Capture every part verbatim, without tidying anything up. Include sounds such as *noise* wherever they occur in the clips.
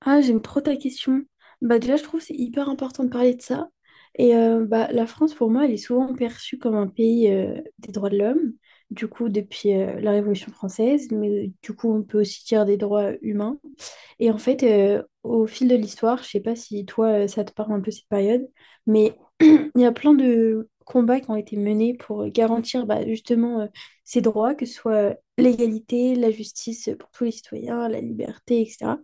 Ah, j'aime trop ta question. Bah déjà, je trouve que c'est hyper important de parler de ça. Et euh, bah, la France, pour moi, elle est souvent perçue comme un pays euh, des droits de l'homme, du coup, depuis euh, la Révolution française, mais euh, du coup, on peut aussi dire des droits humains. Et en fait, euh, au fil de l'histoire, je sais pas si toi, euh, ça te parle un peu cette période, mais *clears throat* il y a plein de combats qui ont été menés pour garantir bah, justement euh, ces droits, que ce soit euh, l'égalité, la justice pour tous les citoyens, la liberté, et cetera.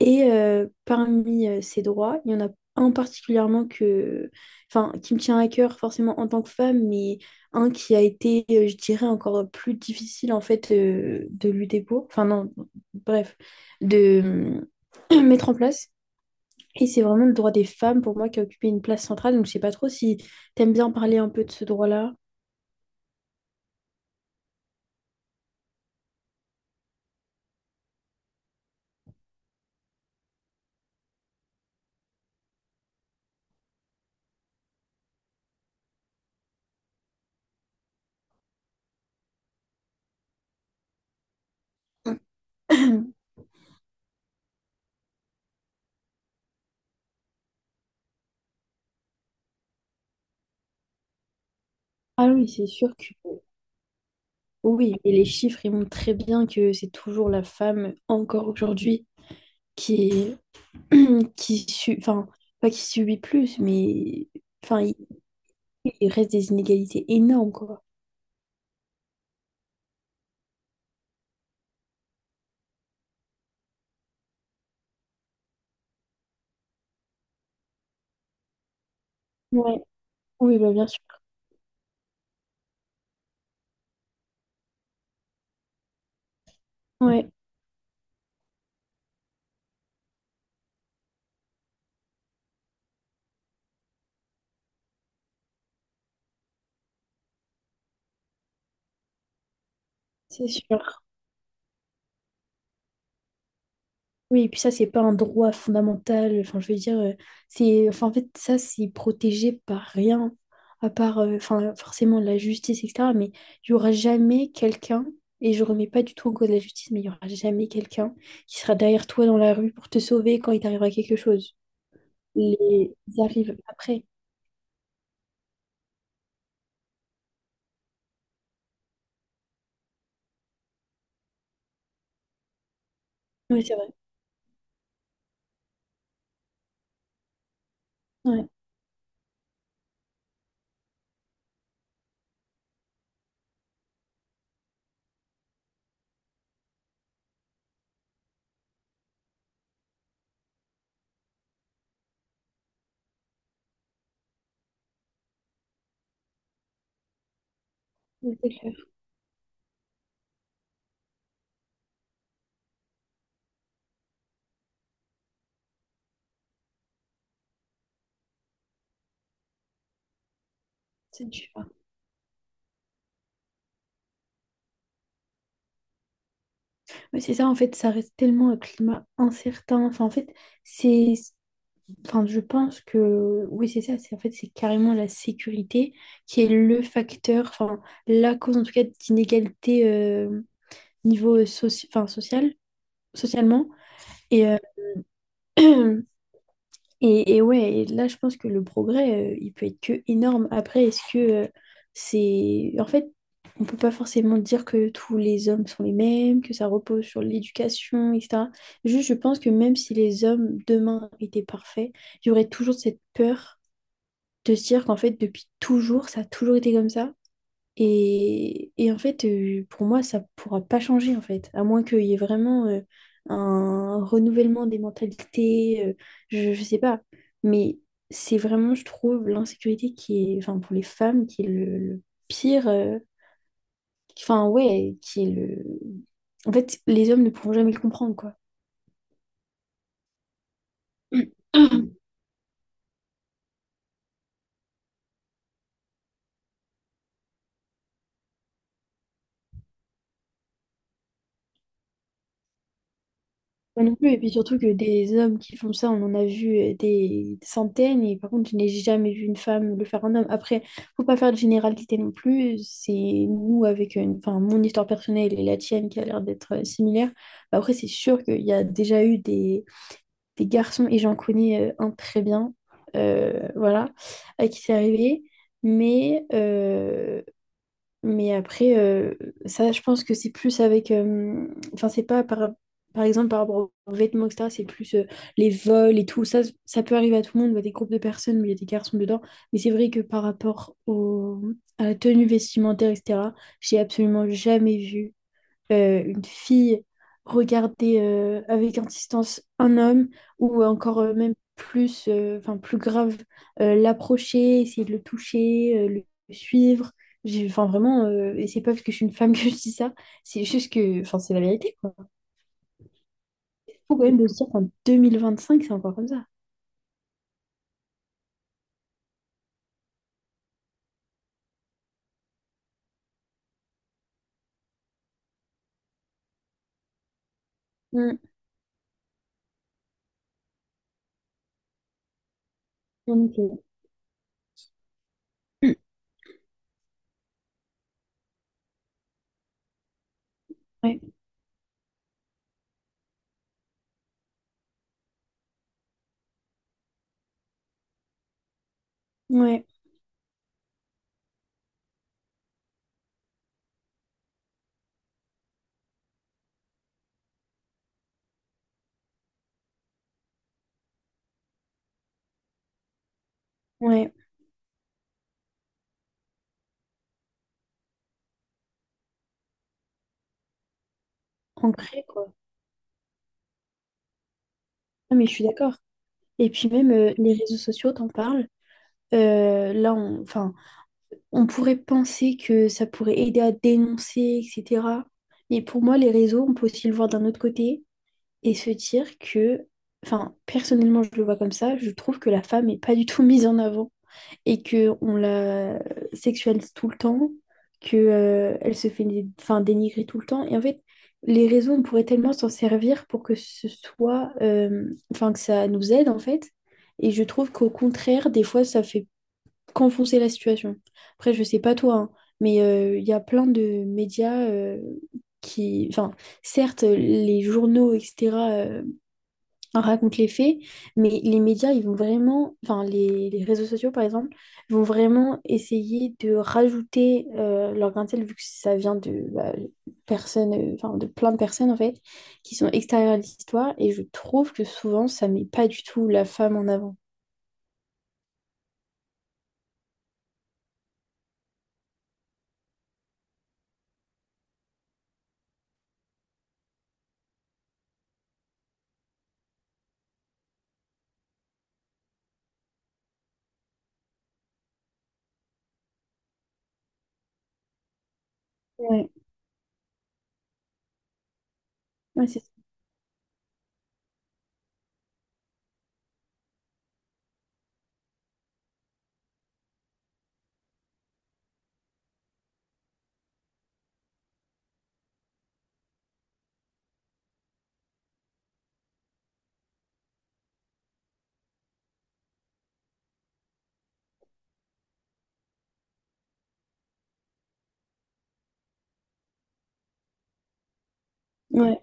Et euh, parmi euh, ces droits, il y en a un particulièrement que, enfin, qui me tient à cœur forcément en tant que femme, mais un qui a été, euh, je dirais, encore plus difficile en fait euh, de lutter pour, enfin non, bref, de euh, *clears throat* mettre en place. Et c'est vraiment le droit des femmes pour moi qui a occupé une place centrale. Donc je sais pas trop si t'aimes bien parler un peu de ce droit-là. *clears throat* Ah oui, c'est sûr que oui, et les chiffres, ils montrent très bien que c'est toujours la femme, encore aujourd'hui, qui est *clears throat* qui su- enfin, pas qui subit plus, mais enfin, il, il reste des inégalités énormes, quoi. Ouais, oui, bah, bien sûr. Ouais, c'est sûr. Oui, et puis ça, c'est pas un droit fondamental. Enfin, je veux dire, euh, c'est, enfin, en fait, ça, c'est protégé par rien, à part, euh, enfin, forcément la justice, et cetera. Mais il y aura jamais quelqu'un, et je remets pas du tout en cause la justice, mais il y aura jamais quelqu'un qui sera derrière toi dans la rue pour te sauver quand il t'arrivera quelque chose. Les Ils arrivent après. Oui, c'est vrai. Ouais. Oui, c'est clair, c'est dur. Oui, c'est ça, en fait, ça reste tellement un climat incertain. Enfin, en fait, c'est... Enfin, je pense que... oui, c'est ça, c'est en fait, c'est carrément la sécurité qui est le facteur, enfin, la cause, en tout cas, d'inégalité euh, niveau soci- enfin, social, socialement. Et, euh, *clears throat* Et, et ouais, et là, je pense que le progrès, euh, il peut être que énorme. Après, est-ce que euh, c'est... en fait, on peut pas forcément dire que tous les hommes sont les mêmes, que ça repose sur l'éducation, et cetera. Juste, je pense que même si les hommes demain étaient parfaits, il y aurait toujours cette peur de se dire qu'en fait, depuis toujours, ça a toujours été comme ça. Et, et en fait, euh, pour moi, ça pourra pas changer, en fait, à moins qu'il y ait vraiment euh, un renouvellement des mentalités, euh, je, je sais pas. Mais c'est vraiment, je trouve, l'insécurité qui est, enfin, pour les femmes, qui est le, le pire, euh, enfin, ouais, qui est le... en fait, les hommes ne pourront jamais le comprendre, quoi. *clears throat* Moi non plus, et puis surtout que des hommes qui font ça, on en a vu euh, des centaines, et par contre, je n'ai jamais vu une femme le faire à un homme. Après, faut pas faire de généralité non plus, c'est nous avec euh, une, enfin, mon histoire personnelle et la tienne qui a l'air d'être euh, similaire. Bah, après, c'est sûr qu'il y a déjà eu des, des garçons, et j'en connais euh, un très bien, euh, voilà, à qui c'est arrivé, mais euh, mais après, euh, ça, je pense que c'est plus avec. euh, Enfin, c'est pas par, par exemple par rapport aux vêtements, et cetera. C'est plus euh, les vols et tout. Ça, ça peut arriver à tout le monde, il y a des groupes de personnes où il y a des garçons dedans. Mais c'est vrai que par rapport au, à la tenue vestimentaire, et cetera, j'ai absolument jamais vu euh, une fille regarder euh, avec insistance un homme ou encore euh, même plus, euh, enfin plus grave, euh, l'approcher, essayer de le toucher, euh, le le suivre. J'ai, enfin vraiment, euh, et c'est pas parce que je suis une femme *laughs* que je dis ça, c'est juste que, enfin c'est la vérité quoi. Faut quand même de se dire qu'en deux mille vingt-cinq c'est encore comme ça. Mm. Donc, euh, *clears throat* mm. Ouais, ouais, ouais, ancré quoi. Ah, mais je suis d'accord. Et puis même euh, les réseaux sociaux, t'en parles. Euh, là, on, enfin, on pourrait penser que ça pourrait aider à dénoncer, et cetera. Mais pour moi, les réseaux, on peut aussi le voir d'un autre côté et se dire que, enfin, personnellement, je le vois comme ça, je trouve que la femme n'est pas du tout *laughs* mise en avant et qu'on la sexualise tout le temps, qu'elle elle se fait dé- enfin, dénigrer tout le temps. Et en fait, les réseaux, on pourrait tellement s'en servir pour que ce soit, euh, enfin, que ça nous aide, en fait. Et je trouve qu'au contraire, des fois, ça fait qu'enfoncer la situation. Après, je sais pas toi, hein, mais euh, il y a plein de médias euh, qui... enfin, certes, les journaux, et cetera, euh, racontent les faits, mais les médias, ils vont vraiment. Enfin, les, les réseaux sociaux, par exemple, vont vraiment essayer de rajouter euh, leur grain de sel, vu que ça vient de bah, personnes, euh, enfin, de plein de personnes, en fait, qui sont extérieures à l'histoire, et je trouve que souvent, ça met pas du tout la femme en avant. Ouais. Ouais, c'est ça. Ouais.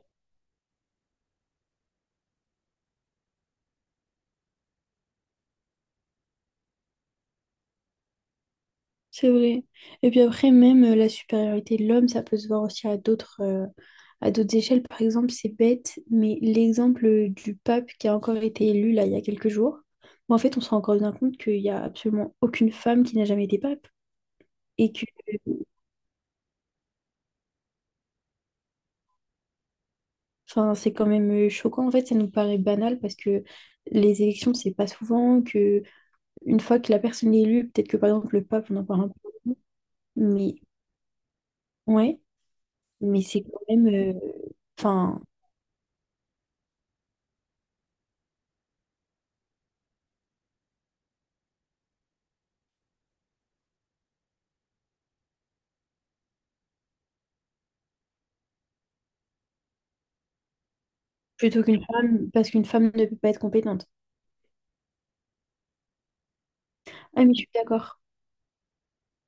C'est vrai. Et puis après, même euh, la supériorité de l'homme, ça peut se voir aussi à d'autres euh, à d'autres échelles. Par exemple, c'est bête, mais l'exemple euh, du pape qui a encore été élu là il y a quelques jours, bon, en fait, on se rend encore bien compte qu'il n'y a absolument aucune femme qui n'a jamais été pape. Et que enfin, c'est quand même euh, choquant. En fait, ça nous paraît banal parce que les élections, c'est pas souvent que une fois que la personne est élue, peut-être que par exemple le pape, on en parle un peu. Mais ouais, mais c'est quand même. euh, Enfin, plutôt qu'une femme, parce qu'une femme ne peut pas être compétente. Ah, mais je suis d'accord.